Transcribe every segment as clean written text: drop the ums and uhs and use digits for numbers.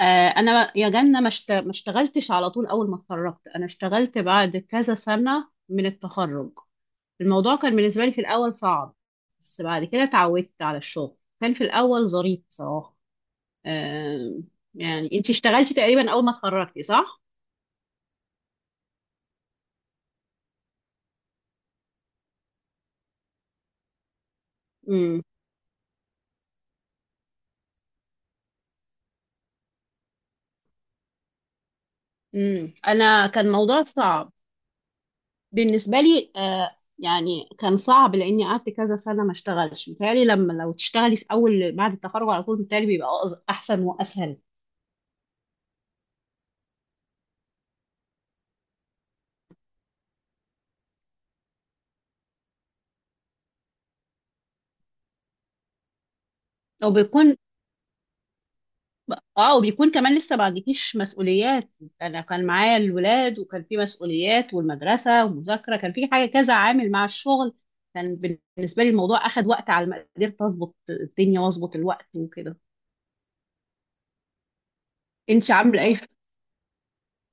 آه، انا يا جنة، ما اشتغلتش على طول اول ما اتخرجت. انا اشتغلت بعد كذا سنة من التخرج. الموضوع كان بالنسبة لي في الاول صعب، بس بعد كده اتعودت على الشغل. كان في الاول ظريف بصراحة. آه، يعني انت اشتغلتي تقريبا اول ما اتخرجتي صح؟ امم انا كان موضوع صعب بالنسبة لي. يعني كان صعب لاني قعدت كذا سنة ما اشتغلش. متهيألي لما لو تشتغلي في اول بعد التخرج على طول، متهيألي بيبقى احسن واسهل. او بيكون اه وبيكون كمان لسه ما عندكيش مسؤوليات. انا كان معايا الولاد وكان في مسؤوليات والمدرسه ومذاكره، كان في حاجه كذا عامل مع الشغل. كان بالنسبه لي الموضوع اخد وقت على ما قدرت اظبط الدنيا واظبط الوقت وكده. انت عامله ايه؟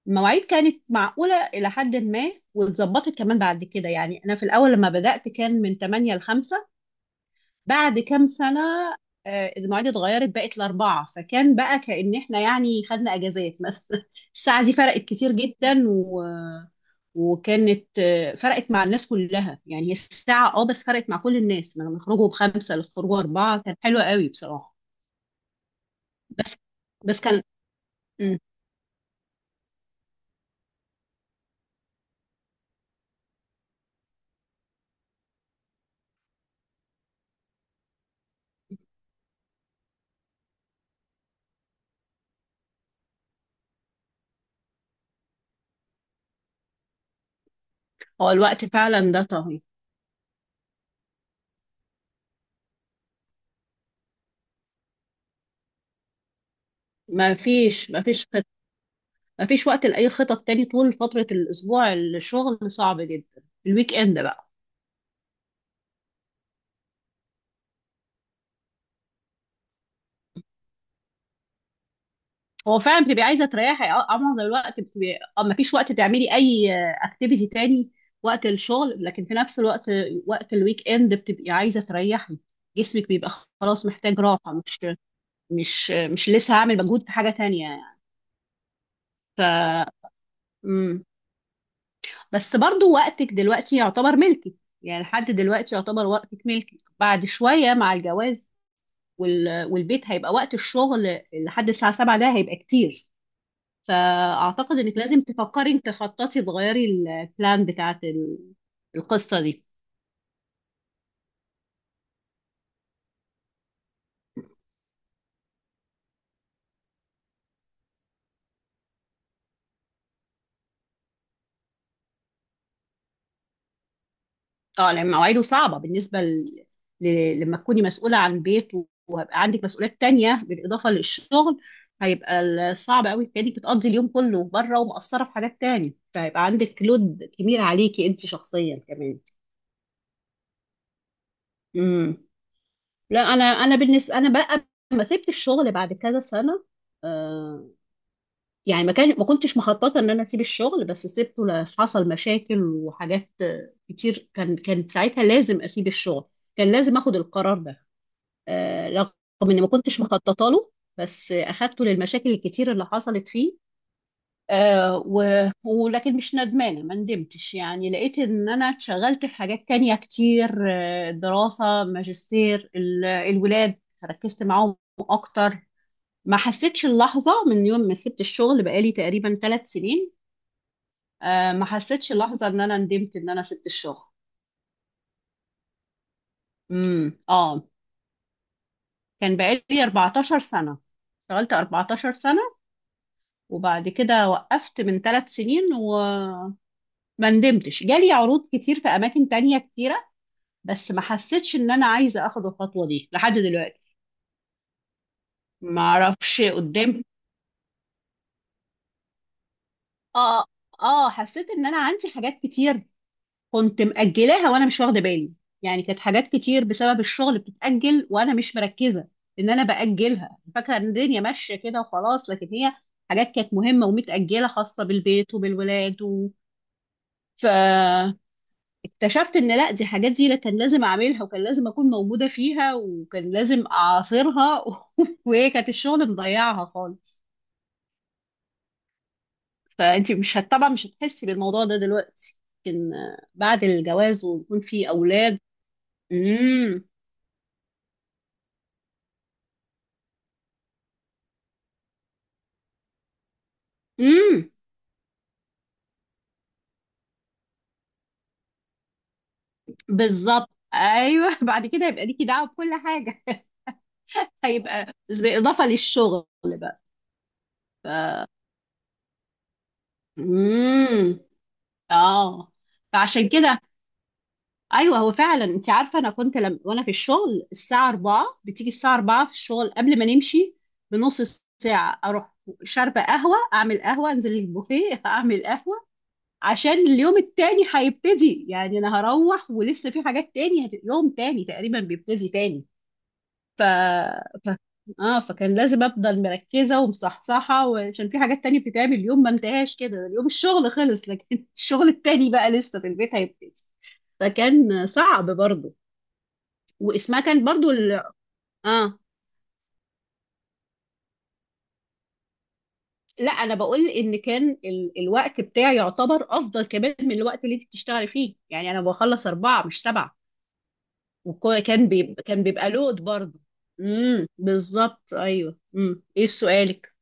المواعيد كانت معقوله الى حد ما، واتظبطت كمان بعد كده. يعني انا في الاول لما بدات كان من 8 ل 5، بعد كام سنة المواعيد اتغيرت بقت لأربعة، فكان بقى كأن احنا يعني خدنا أجازات مثلا الساعة دي فرقت كتير جدا وكانت فرقت مع الناس كلها، يعني هي الساعة بس فرقت مع كل الناس، من خروجه بخمسة لخروجه أربعة كان حلو قوي بصراحة. بس بس كان مم. هو الوقت فعلا ده طهي. ما فيش ما فيش خط... ما فيش وقت لأي خطط تاني، طول فترة الأسبوع الشغل صعب جدا. الويك إند بقى هو فعلا بتبقي عايزه تريحي. معظم الوقت بتبقي، مفيش وقت تعملي اي اكتيفيتي تاني وقت الشغل، لكن في نفس الوقت وقت الويك اند بتبقي عايزه تريحي. جسمك بيبقى خلاص محتاج راحه، مش لسه هعمل مجهود في حاجه تانية يعني. ف مم. بس برضو وقتك دلوقتي يعتبر ملكك، يعني لحد دلوقتي يعتبر وقتك ملكك. بعد شويه مع الجواز والبيت هيبقى وقت الشغل لحد الساعه 7، ده هيبقى كتير. فأعتقد إنك لازم تفكري إنك تخططي تغيري البلان بتاعت القصة دي. اه لأن مواعيده صعبة بالنسبة لما تكوني مسؤولة عن بيت وهيبقى عندك مسؤوليات تانية بالإضافة للشغل، هيبقى صعب قوي، كأنك بتقضي اليوم كله بره ومقصرة في حاجات تانية، فهيبقى عندك لود كبير عليكي أنت شخصيا كمان. امم لا، أنا بالنسبة أنا بقى، لما سبت الشغل بعد كذا سنة، يعني ما كنتش مخططه ان انا اسيب الشغل، بس سبته. حصل مشاكل وحاجات كتير، كان ساعتها لازم اسيب الشغل، كان لازم اخد القرار ده. رغم اني ما كنتش مخططه له، بس اخدته للمشاكل الكتير اللي حصلت فيه. آه و... ولكن مش ندمانه، ما ندمتش. يعني لقيت ان انا اتشغلت في حاجات تانية كتير، دراسه ماجستير، الولاد ركزت معاهم اكتر. ما حسيتش اللحظة من يوم ما سبت الشغل بقالي تقريبا 3 سنين. ما حسيتش لحظة ان انا ندمت ان انا سبت الشغل. امم اه كان بقالي 14 سنة، اشتغلت 14 سنة، وبعد كده وقفت من 3 سنين وما ندمتش. جالي عروض كتير في اماكن تانية كتيرة، بس ما حسيتش ان انا عايزة اخد الخطوة دي لحد دلوقتي. ما اعرفش قدام. اه اه حسيت ان انا عندي حاجات كتير كنت مأجلاها وانا مش واخده بالي. يعني كانت حاجات كتير بسبب الشغل بتتأجل وانا مش مركزه ان انا بأجلها، فاكره ان الدنيا ماشيه كده وخلاص، لكن هي حاجات كانت مهمه ومتأجله خاصه بالبيت وبالولاد فاكتشفت ان لا، دي حاجات دي لا، كان لازم اعملها وكان لازم اكون موجوده فيها وكان لازم اعاصرها وهي كانت الشغل مضيعها خالص. فانت مش هت... طبعا مش هتحسي بالموضوع ده دلوقتي، لكن بعد الجواز ويكون في اولاد. مم. امم بالظبط ايوه بعد كده هيبقى ليكي دعوه بكل حاجه، هيبقى بالاضافه للشغل بقى. امم اه فعشان كده ايوه، هو فعلا انت عارفه انا كنت لم... وانا في الشغل الساعه 4، بتيجي الساعه 4 في الشغل قبل ما نمشي بنص ساعه، اروح شاربه قهوه، اعمل قهوه، انزل البوفيه اعمل قهوه، عشان اليوم التاني هيبتدي. يعني انا هروح ولسه في حاجات تاني، يوم تاني تقريبا بيبتدي تاني. ف... ف... اه فكان لازم افضل مركزه ومصحصحه، وعشان في حاجات تانية بتتعمل، اليوم ما انتهاش كده، اليوم الشغل خلص، لكن الشغل التاني بقى لسه في البيت هيبتدي، فكان صعب برضو. واسمها كان برضو ال... اه لا انا بقول ان كان الوقت بتاعي يعتبر افضل كمان من الوقت اللي انت بتشتغلي فيه، يعني انا بخلص 4 مش 7، وكان بيبقى كان بيبقى لود برضو. بالظبط ايوه. ايه سؤالك؟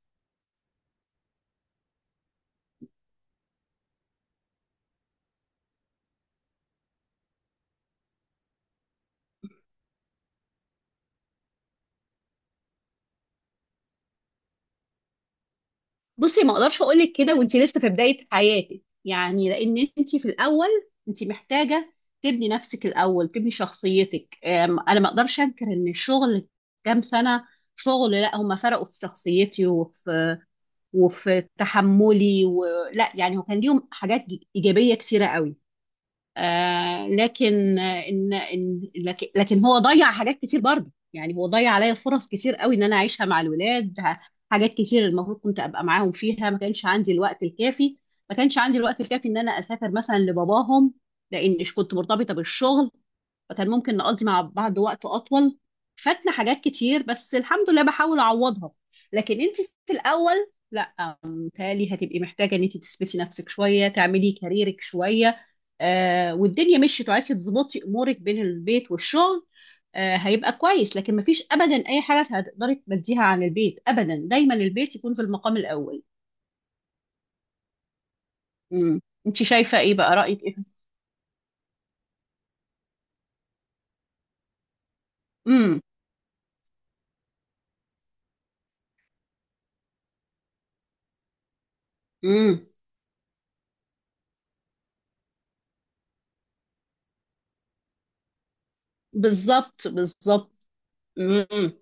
بصي ما اقدرش اقول لك كده وانت لسه في بدايه حياتك، يعني لان انت في الاول انت محتاجه تبني نفسك الاول، تبني شخصيتك. انا ما اقدرش انكر ان الشغل كام سنه شغل، لا هم فرقوا في شخصيتي وفي تحملي، ولا يعني، هو كان ليهم حاجات ايجابيه كثيره قوي. لكن آه، ان ان لكن لكن هو ضيع حاجات كتير برضه، يعني هو ضيع عليا فرص كتير قوي ان انا اعيشها مع الولاد. حاجات كتير المفروض كنت ابقى معاهم فيها ما كانش عندي الوقت الكافي ما كانش عندي الوقت الكافي ان انا اسافر مثلا لباباهم، لان مش كنت مرتبطه بالشغل، فكان ممكن نقضي مع بعض وقت اطول. فاتنا حاجات كتير، بس الحمد لله بحاول اعوضها. لكن انت في الاول لا، متهيألي هتبقي محتاجة إن أنت تثبتي نفسك شوية، تعملي كاريرك شوية، والدنيا مشيت وعرفتي تظبطي أمورك بين البيت والشغل، هيبقى كويس. لكن مفيش أبدا أي حاجة هتقدري تمديها عن البيت أبدا، دايما البيت يكون في المقام الأول. امم أنت شايفة إيه بقى؟ رأيك إيه؟ امم امم بالظبط بالظبط. مم.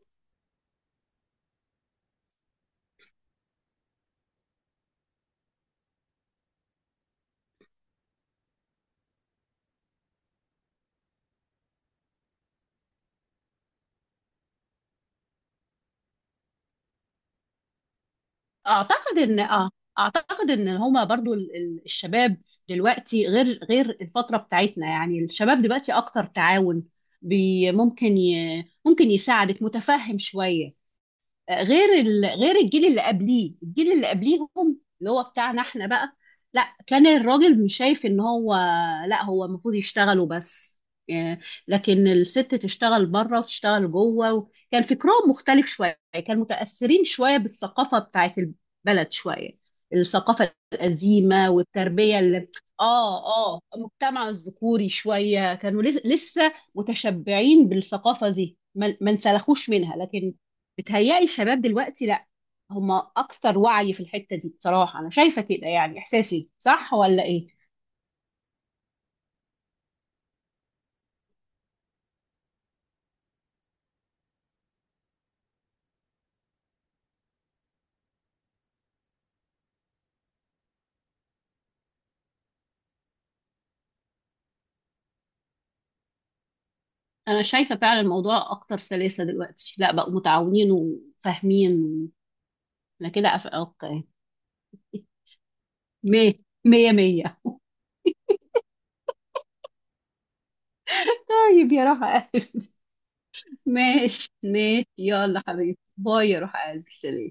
اعتقد ان اه اعتقد ان هما برضو الشباب دلوقتي غير الفتره بتاعتنا، يعني الشباب دلوقتي اكتر تعاون، بي ممكن ي ممكن يساعدك، متفهم شويه، غير الجيل اللي قبليهم اللي هو بتاعنا احنا بقى. لا كان الراجل مش شايف ان هو، لا هو المفروض يشتغل وبس. إيه، لكن الست تشتغل بره وتشتغل جوه كان فكرهم مختلف شويه، كان متأثرين شويه بالثقافه بتاعت البلد شويه، الثقافه القديمه والتربيه اللي اه المجتمع الذكوري شويه، كانوا لسه متشبعين بالثقافه دي، ما انسلخوش منها. لكن بتهيألي الشباب دلوقتي لا، هم اكتر وعي في الحتة دي بصراحة. انا شايفة كده، يعني احساسي صح ولا ايه؟ انا شايفة فعلا الموضوع اكتر سلاسة دلوقتي، لا بقوا متعاونين وفاهمين. انا كده اوكي، مية مية مية طيب يا روح قلبي. ماشي ماشي يلا حبيبي، باي يا روح قلبي، سلام.